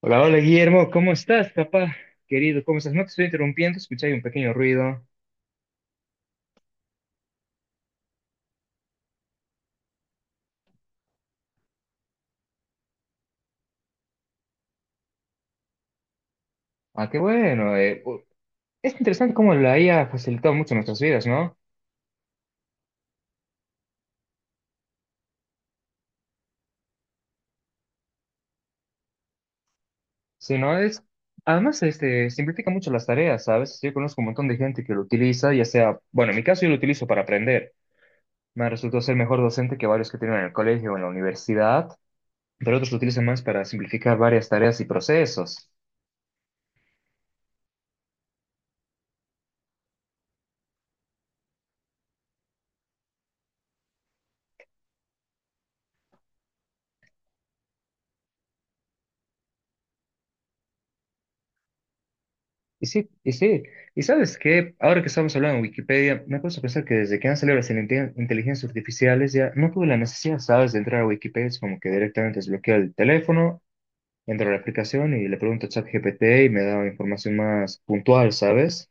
Hola, hola Guillermo, ¿cómo estás, papá? Querido, ¿cómo estás? No te estoy interrumpiendo, escuché ahí un pequeño ruido. Ah, qué bueno. Es interesante cómo la IA ha facilitado mucho nuestras vidas, ¿no? Si no es, además, este, simplifica mucho las tareas, ¿sabes? Yo conozco un montón de gente que lo utiliza, ya sea, bueno, en mi caso yo lo utilizo para aprender. Me resultó ser mejor docente que varios que tienen en el colegio o en la universidad, pero otros lo utilizan más para simplificar varias tareas y procesos. Y sí, y sí. Y sabes que ahora que estamos hablando de Wikipedia, me puse a pensar que desde que han salido las inteligencias artificiales ya no tuve la necesidad, ¿sabes?, de entrar a Wikipedia. Es como que directamente desbloqueo el teléfono, entro a la aplicación y le pregunto a ChatGPT y me da información más puntual, ¿sabes?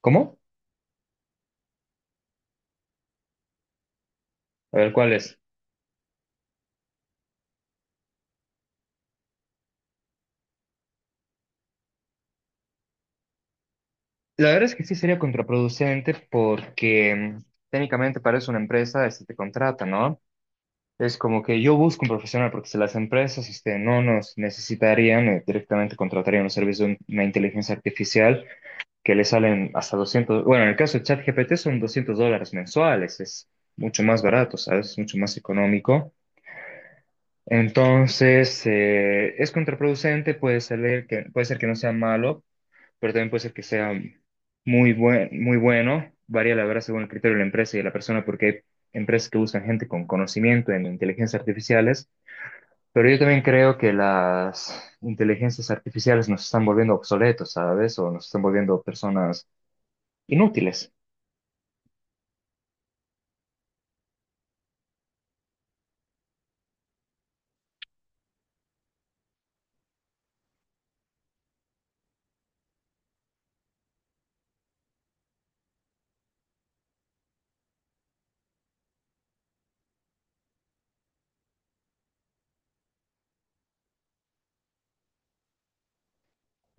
¿Cómo? A ver, ¿cuál es? La verdad es que sí sería contraproducente porque técnicamente para eso una empresa este, te contrata, ¿no? Es como que yo busco un profesional porque si las empresas este, no nos necesitarían, directamente contratarían un servicio de una inteligencia artificial que le salen hasta 200, bueno, en el caso de ChatGPT son $200 mensuales, es mucho más barato, ¿sabes? Es mucho más económico. Entonces, es contraproducente, puede ser que no sea malo, pero también puede ser que sea muy bueno. Varía la verdad según el criterio de la empresa y de la persona porque hay empresas que usan gente con conocimiento en inteligencias artificiales, pero yo también creo que las inteligencias artificiales nos están volviendo obsoletos, ¿sabes? O nos están volviendo personas inútiles,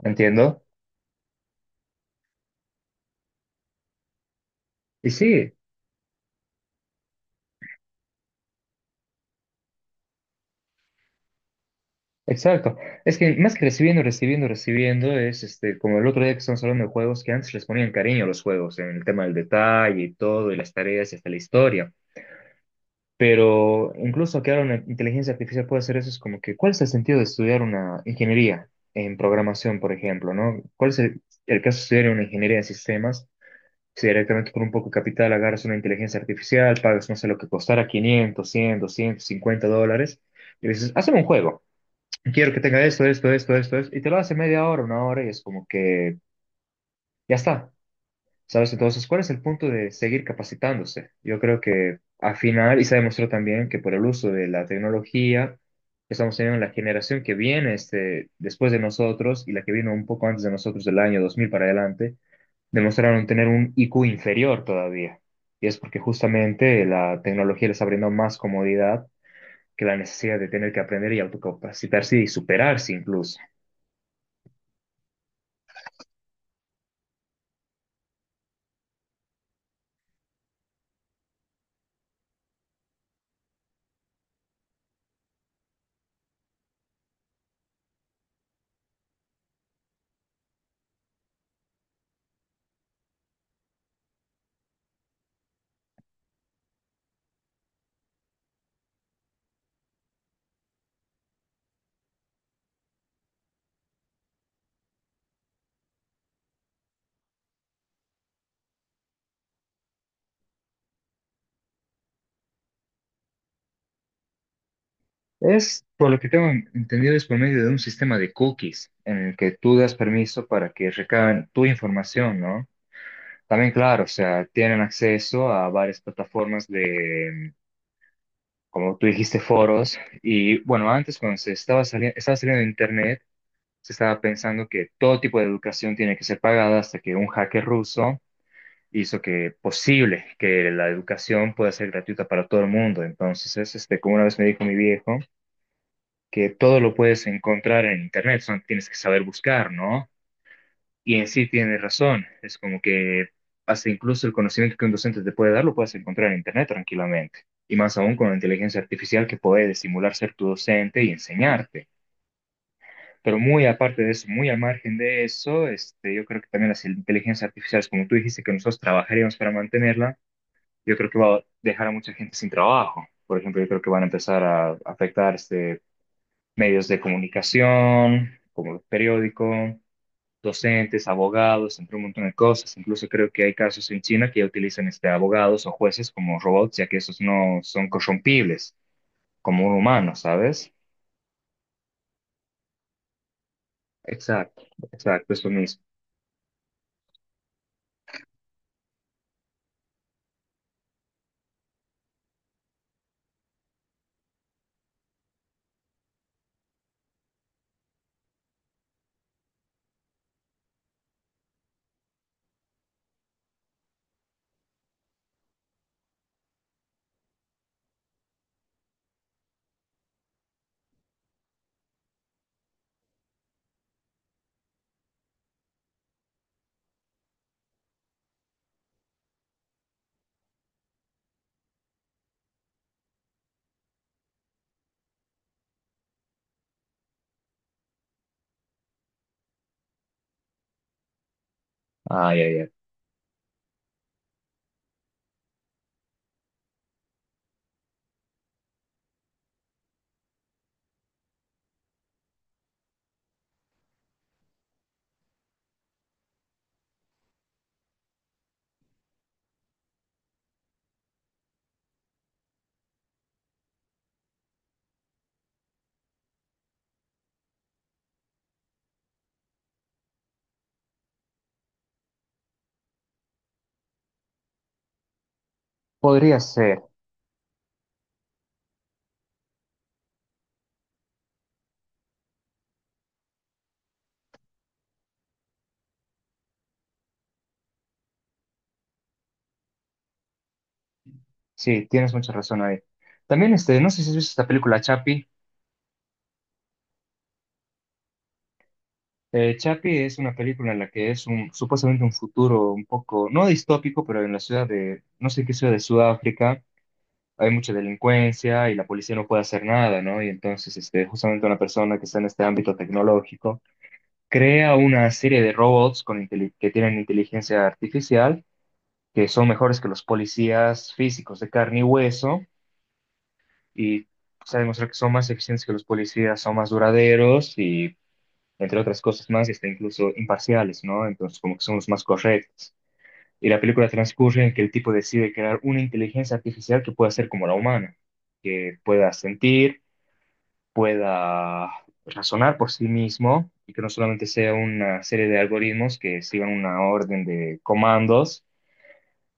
¿entiendo? Y sí, exacto. Es que más que recibiendo, recibiendo, recibiendo, es este, como el otro día que estamos hablando de juegos, que antes les ponían cariño a los juegos, en el tema del detalle y todo, y las tareas y hasta la historia. Pero incluso que ahora una inteligencia artificial puede hacer eso, es como que, ¿cuál es el sentido de estudiar una ingeniería en programación, por ejemplo, ¿no? ¿Cuál es el caso de estudiar una ingeniería en sistemas? Si directamente con un poco de capital agarras una inteligencia artificial, pagas, no sé, lo que costara 500, 100, $250, y dices, hazme un juego, quiero que tenga esto, esto, esto, esto, esto, y te lo hace media hora, una hora, y es como que ya está. ¿Sabes? Entonces, ¿cuál es el punto de seguir capacitándose? Yo creo que al final, y se ha demostrado también que por el uso de la tecnología, estamos teniendo la generación que viene este, después de nosotros y la que vino un poco antes de nosotros del año 2000 para adelante, demostraron tener un IQ inferior todavía. Y es porque justamente la tecnología les está brindando más comodidad que la necesidad de tener que aprender y autocapacitarse y superarse incluso. Es, por lo que tengo entendido, es por medio de un sistema de cookies en el que tú das permiso para que recaben tu información, ¿no? También, claro, o sea, tienen acceso a varias plataformas de, como tú dijiste, foros. Y bueno, antes cuando estaba saliendo de Internet, se estaba pensando que todo tipo de educación tiene que ser pagada hasta que un hacker ruso hizo que posible que la educación pueda ser gratuita para todo el mundo. Entonces, es, este, como una vez me dijo mi viejo, que todo lo puedes encontrar en internet, solo tienes que saber buscar, ¿no? Y en sí tiene razón, es como que hasta incluso el conocimiento que un docente te puede dar lo puedes encontrar en internet tranquilamente. Y más aún con la inteligencia artificial que puede simular ser tu docente y enseñarte. Pero muy aparte de eso, muy al margen de eso, este, yo creo que también las inteligencias artificiales, como tú dijiste, que nosotros trabajaríamos para mantenerla, yo creo que va a dejar a mucha gente sin trabajo. Por ejemplo, yo creo que van a empezar a afectar este, medios de comunicación, como los periódicos, docentes, abogados, entre un montón de cosas. Incluso creo que hay casos en China que ya utilizan este, abogados o jueces como robots, ya que esos no son corrompibles como un humano, ¿sabes? Exacto, exacto, eso mismo. Ay, ay, ay. Podría ser. Sí, tienes mucha razón ahí. También, este, no sé si has visto esta película Chapi. Chapi es una película en la que es un, supuestamente un futuro un poco, no distópico, pero en la ciudad de, no sé qué ciudad de Sudáfrica, hay mucha delincuencia y la policía no puede hacer nada, ¿no? Y entonces, este, justamente una persona que está en este ámbito tecnológico crea una serie de robots con que tienen inteligencia artificial, que son mejores que los policías físicos de carne y hueso y se ha demostrado que son más eficientes que los policías, son más duraderos y, entre otras cosas más, y hasta incluso imparciales, ¿no? Entonces, como que son los más correctos. Y la película transcurre en que el tipo decide crear una inteligencia artificial que pueda ser como la humana, que pueda sentir, pueda razonar por sí mismo y que no solamente sea una serie de algoritmos que sigan una orden de comandos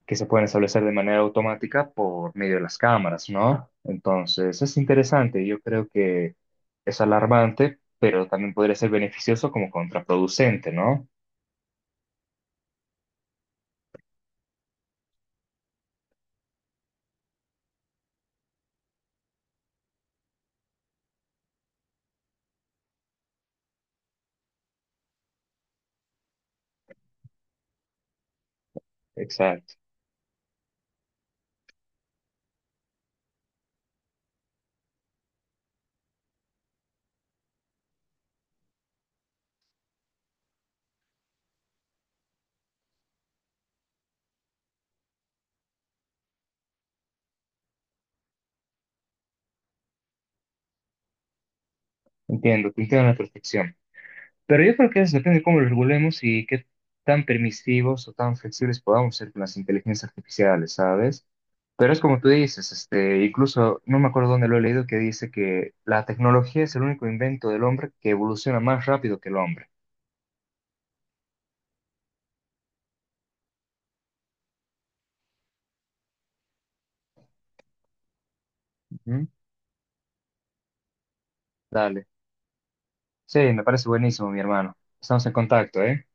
que se pueden establecer de manera automática por medio de las cámaras, ¿no? Entonces, es interesante, yo creo que es alarmante, pero también podría ser beneficioso como contraproducente, ¿no? Exacto, entiendo, te entiendo a la perfección. Pero yo creo que eso depende de cómo lo regulemos y qué tan permisivos o tan flexibles podamos ser con las inteligencias artificiales, ¿sabes? Pero es como tú dices, este, incluso no me acuerdo dónde lo he leído que dice que la tecnología es el único invento del hombre que evoluciona más rápido que el hombre. Ujú. Dale. Sí, me parece buenísimo, mi hermano. Estamos en contacto, ¿eh?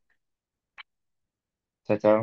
Chao, chao.